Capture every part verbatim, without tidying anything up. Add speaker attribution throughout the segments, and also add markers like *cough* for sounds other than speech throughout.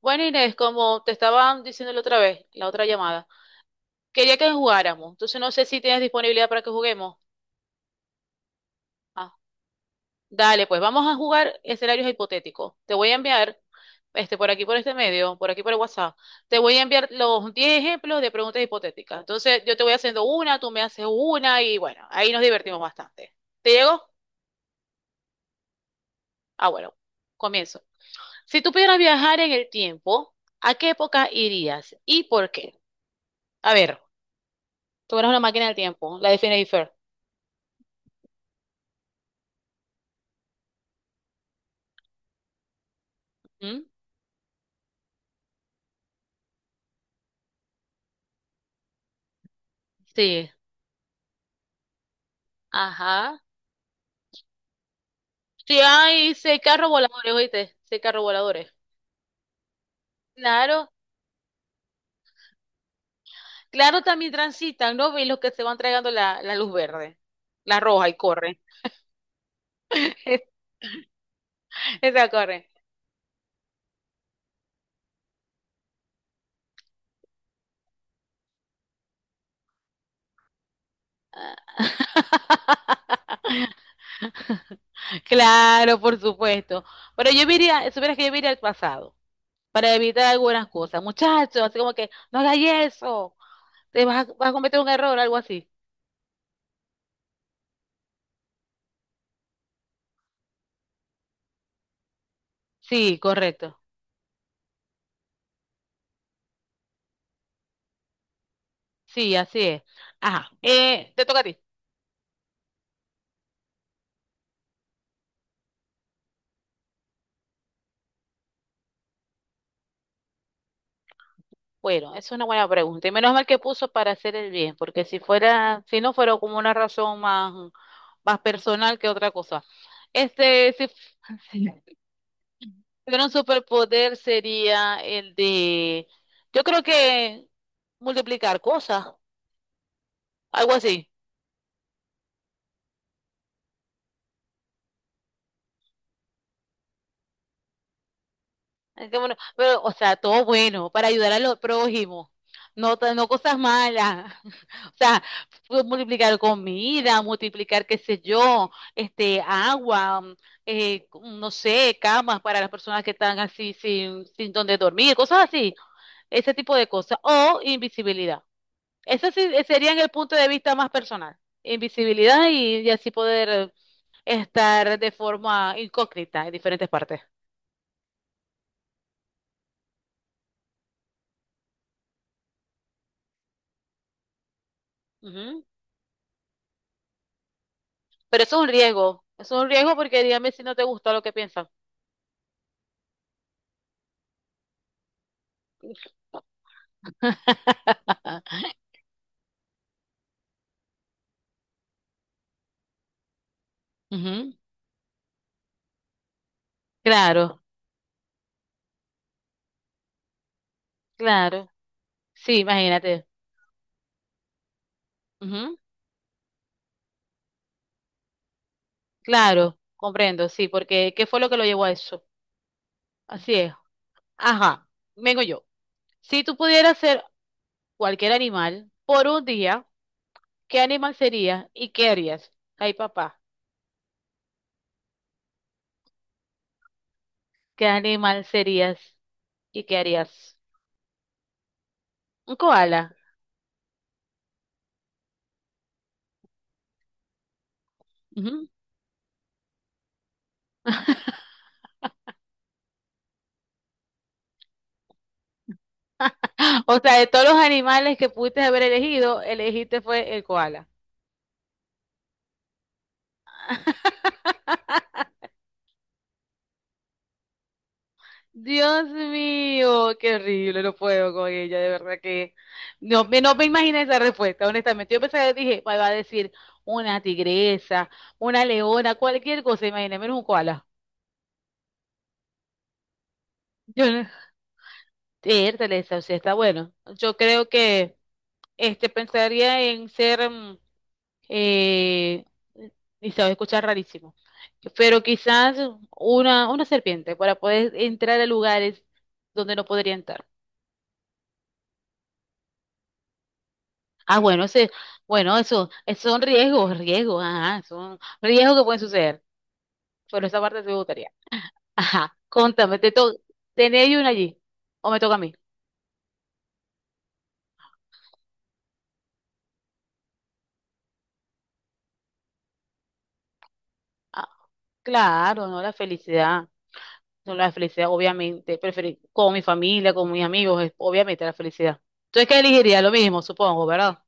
Speaker 1: Bueno, Inés, como te estaba diciendo la otra vez, la otra llamada, quería que jugáramos. Entonces no sé si tienes disponibilidad para que juguemos. Ah, dale, pues vamos a jugar escenarios hipotéticos. Te voy a enviar, este, por aquí, por este medio, por aquí, por el WhatsApp, te voy a enviar los diez ejemplos de preguntas hipotéticas. Entonces yo te voy haciendo una, tú me haces una y bueno, ahí nos divertimos bastante. ¿Te llegó? Ah, bueno, comienzo. Si tú pudieras viajar en el tiempo, ¿a qué época irías y por qué? A ver, tú eres una máquina del tiempo, la de Phineas y Ferb. ¿Mm? Sí, ajá. Sí, hay seis carros voladores, oíste, seis carros voladores. Claro, claro, también transitan, ¿no? Y los que se van tragando la, la luz verde, la roja y corre. *laughs* Esa corre. *laughs* Claro, por supuesto. Pero yo iría, supieras que yo iría al pasado para evitar algunas cosas. Muchachos, así como que, no hagas eso, te vas a, vas a cometer un error, algo así. Sí, correcto. Sí, así es. Ajá. Eh, te toca a ti. Bueno, es una buena pregunta. Y menos mal que puso para hacer el bien, porque si fuera, si no fuera como una razón más, más personal que otra cosa. Este, si *laughs* si tuviera un superpoder sería el de, yo creo que multiplicar cosas, algo así. Es que bueno, pero, o sea, todo bueno, para ayudar a los prójimos, no, ta- no cosas malas. *laughs* O sea, pu- multiplicar comida, multiplicar, qué sé yo, este, agua, mm, eh, mm, no sé, camas para las personas que están así sin, sin donde dormir, cosas así, ese tipo de cosas. O invisibilidad. Eso sí eh, sería en el punto de vista más personal. Invisibilidad y, y así poder eh, estar de forma incógnita en diferentes partes. Pero eso es un riesgo. Eso es un riesgo porque dígame si no te gusta lo que piensas. *laughs* Ujú. Claro, claro. Sí, imagínate. Ujú. Claro, comprendo, sí, porque ¿qué fue lo que lo llevó a eso? Así es. Ajá, vengo yo. Si tú pudieras ser cualquier animal por un día, ¿qué animal serías y qué harías? Ay, papá, ¿qué animal serías y qué harías? Un koala. *laughs* O sea, de todos los animales que pudiste haber elegido, elegiste fue el koala. *laughs* Dios mío, qué horrible, no puedo con ella, de verdad que no, me- no me imaginé esa respuesta, honestamente. Yo pensé, dije, "Va- va a decir una tigresa, una leona, cualquier cosa, imagínate, menos un koala. Yo no, Értale, esa, o sea, está bueno. Yo creo que este pensaría en ser, mm, eh, y se va a escuchar rarísimo. Pero quizás una, una serpiente para poder entrar a lugares donde no podría entrar. Ah, bueno, ese, bueno, eso, esos son riesgos, riesgos, ajá, son riesgos que pueden suceder. Pero esa parte sí me gustaría. Ajá, contame, te to ¿tenéis una allí? ¿O me toca a mí? Ah, claro, no la felicidad. No la felicidad, obviamente. Preferir con mi familia, con mis amigos, es- obviamente la felicidad. Entonces, ¿qué elegiría? Lo mismo, supongo, ¿verdad?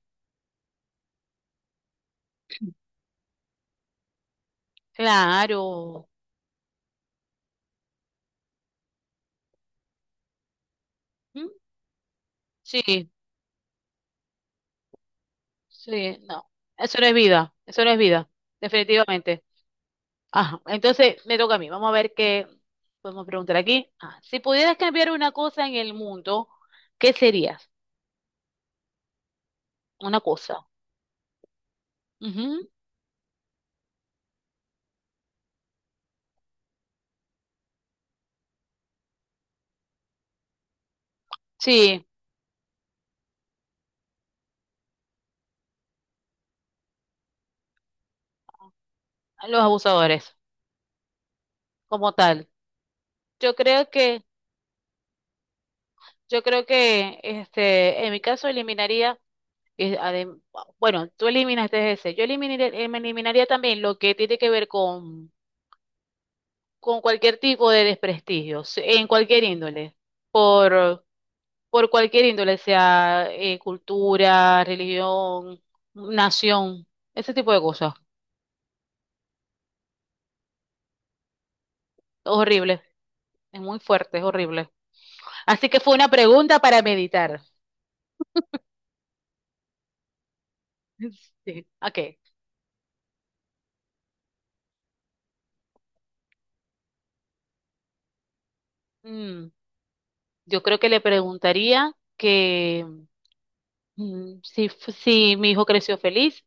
Speaker 1: Claro. ¿Mm? Sí, sí, no. Eso no es vida, eso no es vida, definitivamente. Ajá, entonces me toca a mí. Vamos a ver qué podemos preguntar aquí. Ah, si pudieras cambiar una cosa en el mundo, ¿qué serías? Una cosa. Ujú. Sí, los abusadores, como tal. Yo creo que, yo creo que, este, en mi caso eliminaría, eh, adem- bueno, tú eliminaste ese. Yo eliminaría, eliminaría también lo que tiene que ver con con cualquier tipo de desprestigio, se- en cualquier índole, por, por cualquier índole, sea eh, cultura, religión, nación, ese tipo de cosas. Horrible, es muy fuerte, es horrible. Así que fue una pregunta para meditar. *laughs* Sí, ok. Mm, yo creo que le preguntaría que mm, si, fu- si mi hijo creció feliz,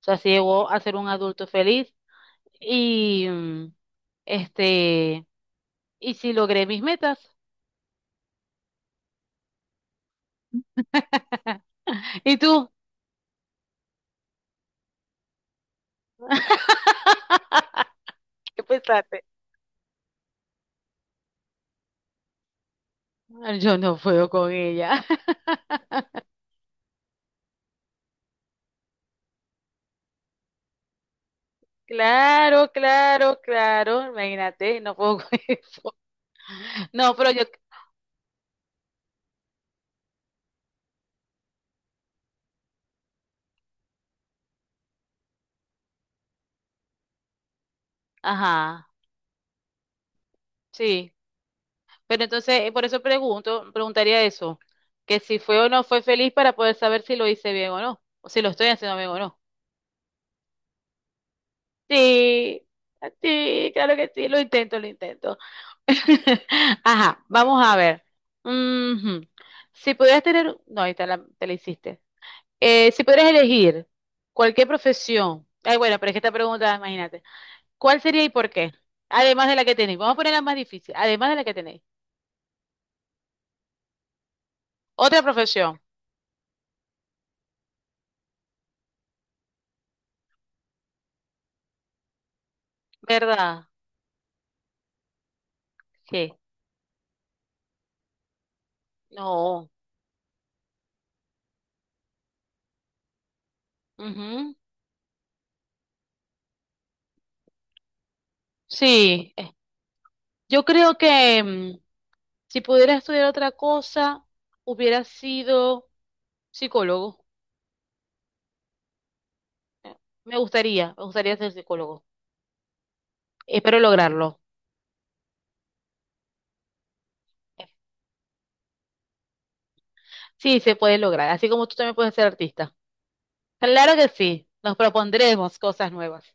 Speaker 1: o sea, si llegó a ser un adulto feliz y mm, este ¿Y si logré mis metas? ¿Y tú? ¿Qué pensaste? Ah, yo no puedo con ella. *laughs* Claro, claro, claro. Imagínate, no puedo con *laughs* eso. No, pero yo, ajá, sí. Pero entonces, eh, por eso pregunto, preguntaría eso, que si fue o no fue feliz para poder saber si lo hice bien o no, o si lo estoy haciendo bien o no. Sí, sí, claro que sí, lo intento, lo intento. *laughs* Ajá, vamos a ver. Ujú. Si pudieras tener, no, ahí está la, te la hiciste. Eh, si pudieras elegir cualquier profesión, ay, bueno, pero es que esta pregunta, imagínate, ¿cuál sería y por qué? Además de la que tenéis, vamos a poner la más difícil, además de la que tenéis. Otra profesión, ¿verdad? Sí. No. Ujú. Sí. Eh, yo creo que mm, si pudiera estudiar otra cosa, hubiera sido psicólogo. Eh, Me gustaría, me gustaría ser psicólogo. Espero lograrlo. Sí, se puede lograr, así como tú también puedes ser artista. Claro que sí, nos propondremos cosas nuevas.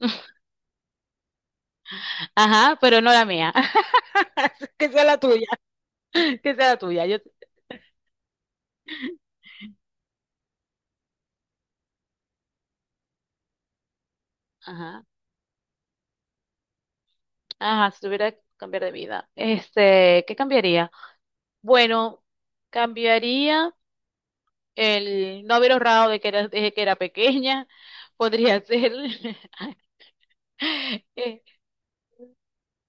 Speaker 1: *laughs* Ajá, pero no la mía. *laughs* Que sea la tuya, que sea la tuya. Yo, ajá, ajá, si tuviera que cambiar de vida. Este, ¿qué cambiaría? Bueno, cambiaría el no haber ahorrado de que era, desde que era pequeña. Podría ser. *laughs*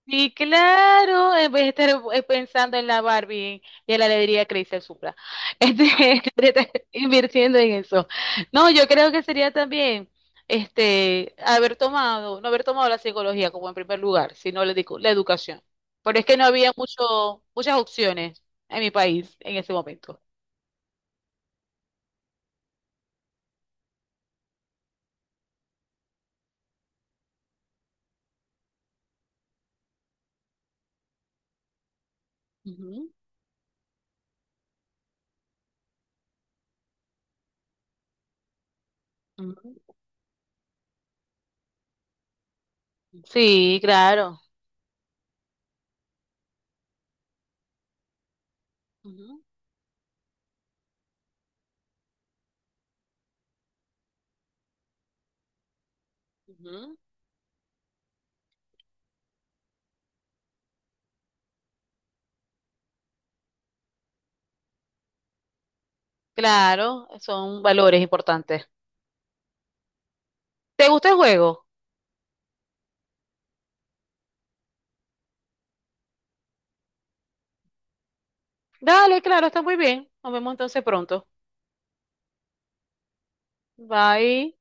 Speaker 1: Sí, claro, en vez de estar eh, pensando en la Barbie y en la alegría que le hice el Supra. Este, *laughs* de estar invirtiendo en eso. No, yo creo que sería también este haber tomado, no haber tomado la psicología como en primer lugar, sino la, edu- la educación. Pero es que no había mucho, muchas opciones en mi país en ese momento. Ujú, ujú. Sí, claro. Ujú, ujú. Claro, son valores importantes. ¿Te gusta el juego? Dale, claro, está muy bien. Nos vemos entonces pronto. Bye.